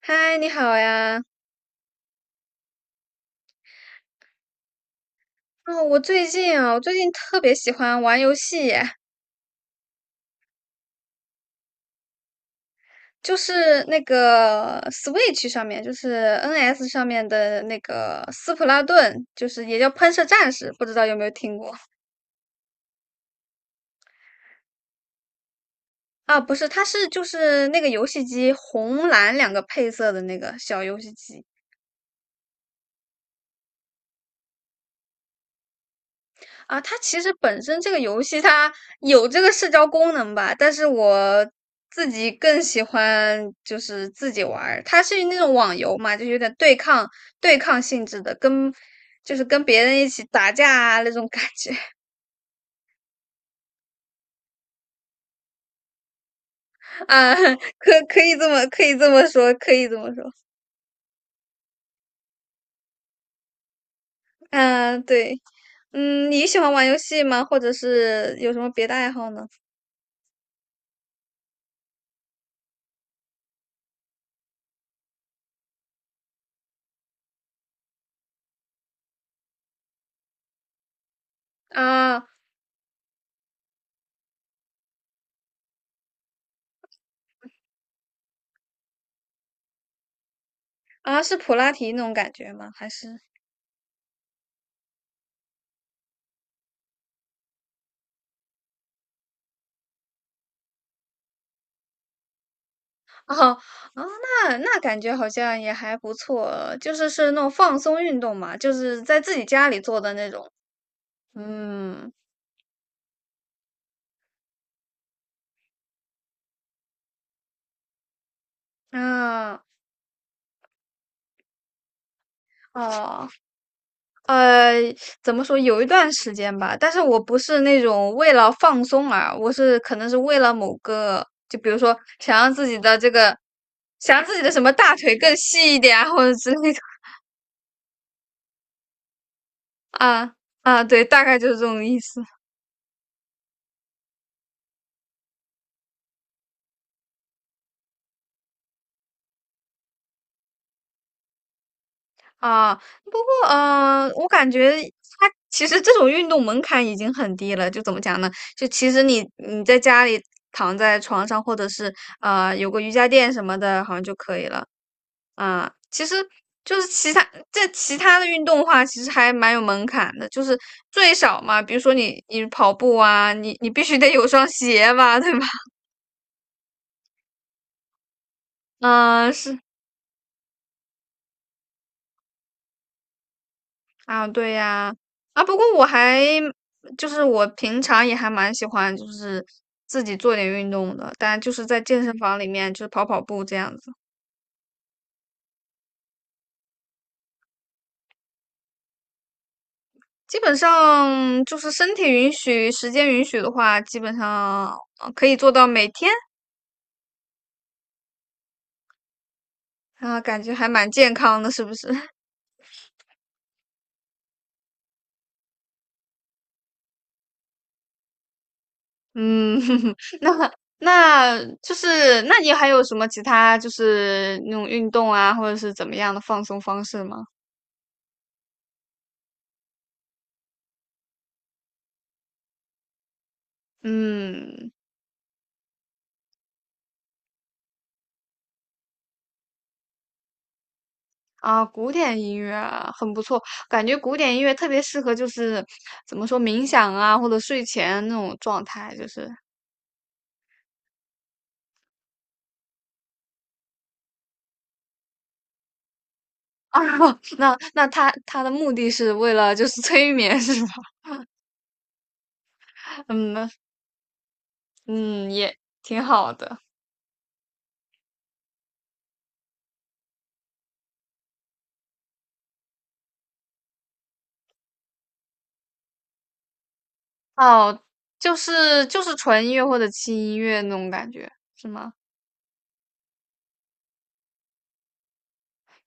嗨，你好呀！哦，我最近特别喜欢玩游戏耶。就是那个 Switch 上面，就是 NS 上面的那个《斯普拉顿》，就是也叫《喷射战士》，不知道有没有听过。啊？不是，它是就是那个游戏机红蓝两个配色的那个小游戏机。啊，它其实本身这个游戏它有这个社交功能吧，但是我自己更喜欢就是自己玩儿。它是那种网游嘛，就有点对抗性质的，跟就是跟别人一起打架啊那种感觉。 啊，可以这么说。嗯、对。嗯，你喜欢玩游戏吗？或者是有什么别的爱好呢？啊。啊，是普拉提那种感觉吗？还是？哦，哦，那感觉好像也还不错，就是那种放松运动嘛，就是在自己家里做的那种。嗯。啊。哦。呃，怎么说？有一段时间吧，但是我不是那种为了放松啊，我是可能是为了某个，就比如说想让自己的什么大腿更细一点啊，或者之类的。啊。啊，对，大概就是这种意思。啊，不过，我感觉它其实这种运动门槛已经很低了。就怎么讲呢？就其实你在家里躺在床上，或者是啊有个瑜伽垫什么的，好像就可以了。啊、其实就是其他的运动的话，其实还蛮有门槛的。就是最少嘛，比如说你跑步啊，你必须得有双鞋吧，对吧？嗯、是。啊，对呀。啊，不过就是我平常也还蛮喜欢，就是自己做点运动的，但就是在健身房里面就是跑跑步这样子。基本上就是身体允许、时间允许的话，基本上可以做到每天。啊，感觉还蛮健康的，是不是？嗯。那你还有什么其他就是那种运动啊，或者是怎么样的放松方式吗？嗯。啊，古典音乐啊很不错，感觉古典音乐特别适合，就是怎么说冥想啊，或者睡前那种状态，就是 啊，那他的目的是为了就是 催眠是吧？嗯嗯，也挺好的。哦，就是纯音乐或者轻音乐那种感觉是吗？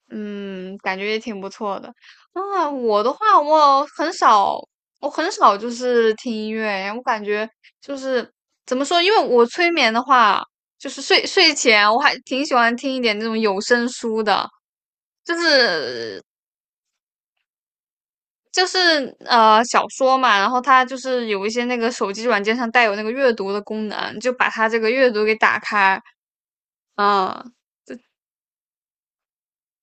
嗯，感觉也挺不错的。啊，我的话，我很少就是听音乐，我感觉就是怎么说，因为我催眠的话，就是睡前我还挺喜欢听一点那种有声书的，就是就是小说嘛，然后它就是有一些那个手机软件上带有那个阅读的功能，就把它这个阅读给打开。嗯。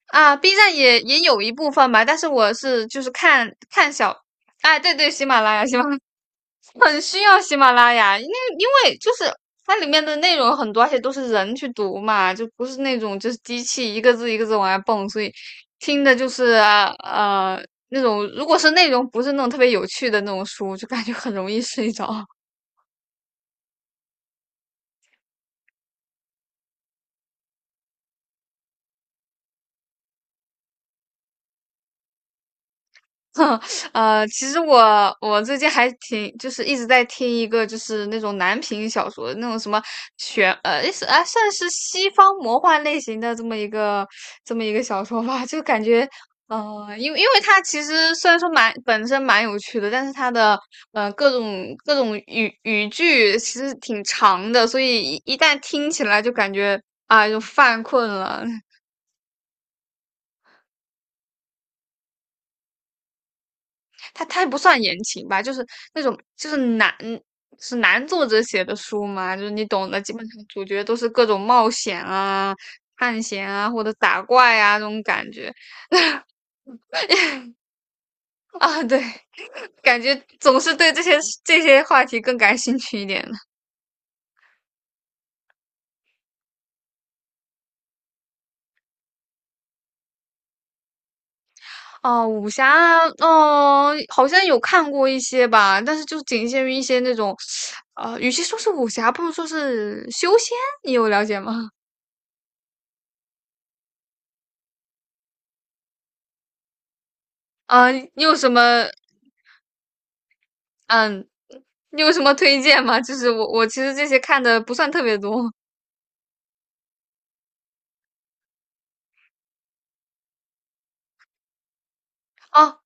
啊，B 站也有一部分吧，但是我是就是看看小，哎，对对，喜马拉雅，喜马拉雅。很需要喜马拉雅，因为就是它里面的内容很多，而且都是人去读嘛，就不是那种就是机器一个字一个字往外蹦，所以听的就是那种如果是内容不是那种特别有趣的那种书，就感觉很容易睡着。其实我最近还挺，就是一直在听一个就是那种男频小说，那种什么是啊，算是西方魔幻类型的这么一个小说吧，就感觉。因为它其实虽然说蛮本身蛮有趣的，但是它的各种语句其实挺长的，所以一旦听起来就感觉啊、就犯困了。它也不算言情吧，就是那种就是男作者写的书嘛，就是你懂的，基本上主角都是各种冒险啊、探险啊或者打怪啊这种感觉。啊，对，感觉总是对这些话题更感兴趣一点的。哦，武侠，哦，好像有看过一些吧，但是就仅限于一些那种，与其说是武侠，不如说是修仙，你有了解吗？啊、你有什么。嗯你有什么推荐吗？就是我其实这些看的不算特别多。 哦。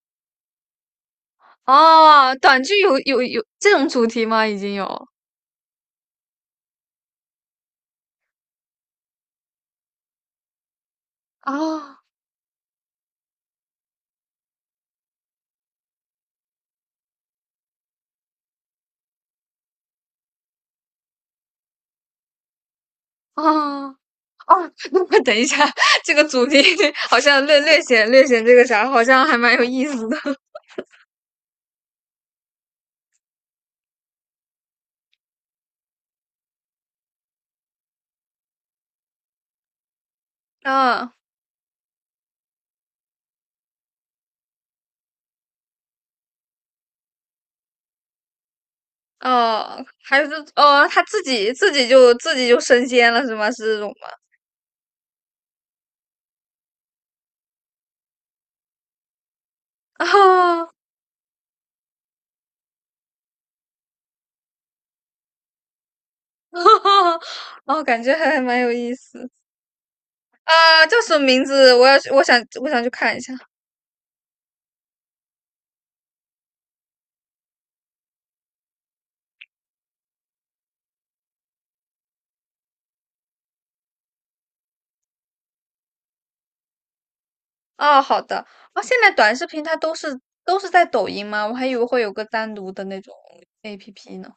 哦，短剧有这种主题吗？已经有。哦哦哦。那么等一下，这个主题 好像略显这个啥，好像还蛮有意思的。啊哦，还是哦，他自己就升仙了是吗？是这种吗？啊、哦。哦，感觉还蛮有意思。啊、叫什么名字？我要去，我想去看一下。哦，好的。哦，现在短视频它都是在抖音吗？我还以为会有个单独的那种 APP 呢。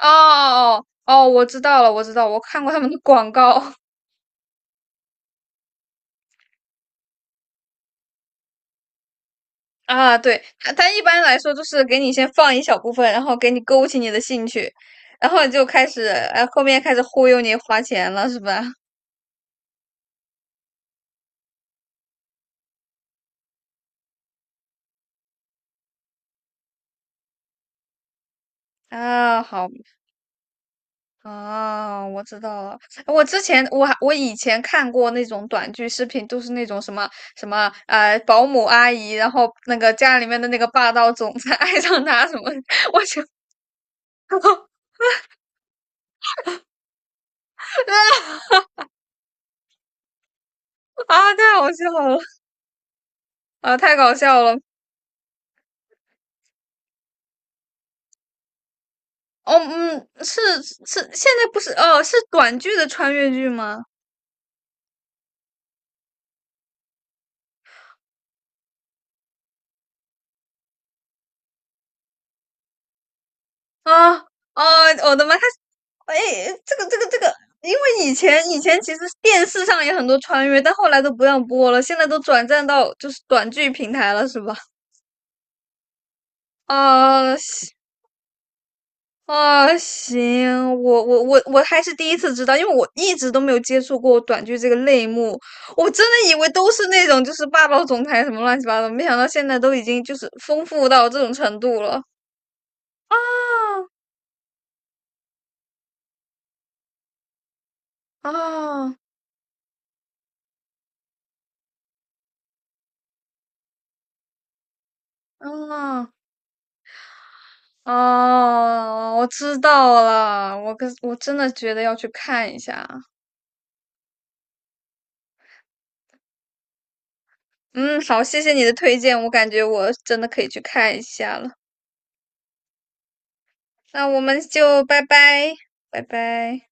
哦哦哦，哦我知道了，我知道，我看过他们的广告。 啊。对，它一般来说就是给你先放一小部分，然后给你勾起你的兴趣，然后你就开始，哎，后面开始忽悠你花钱了，是吧？啊，好。啊，我知道了。我之前我还我以前看过那种短剧视频，都是那种什么保姆阿姨，然后那个家里面的那个霸道总裁 爱上她什么，我想。 啊，太好笑了。啊，太搞笑了。哦，嗯，是是，现在不是哦，是短剧的穿越剧吗？啊哦，我的妈！他，哎，这个,因为以前其实电视上也很多穿越，但后来都不让播了，现在都转战到就是短剧平台了，是吧？啊，行。啊，行，我还是第一次知道，因为我一直都没有接触过短剧这个类目，我真的以为都是那种就是霸道总裁什么乱七八糟，没想到现在都已经就是丰富到这种程度了。啊啊啊！哦，我知道了，我真的觉得要去看一下。嗯，好，谢谢你的推荐，我感觉我真的可以去看一下了。那我们就拜拜，拜拜。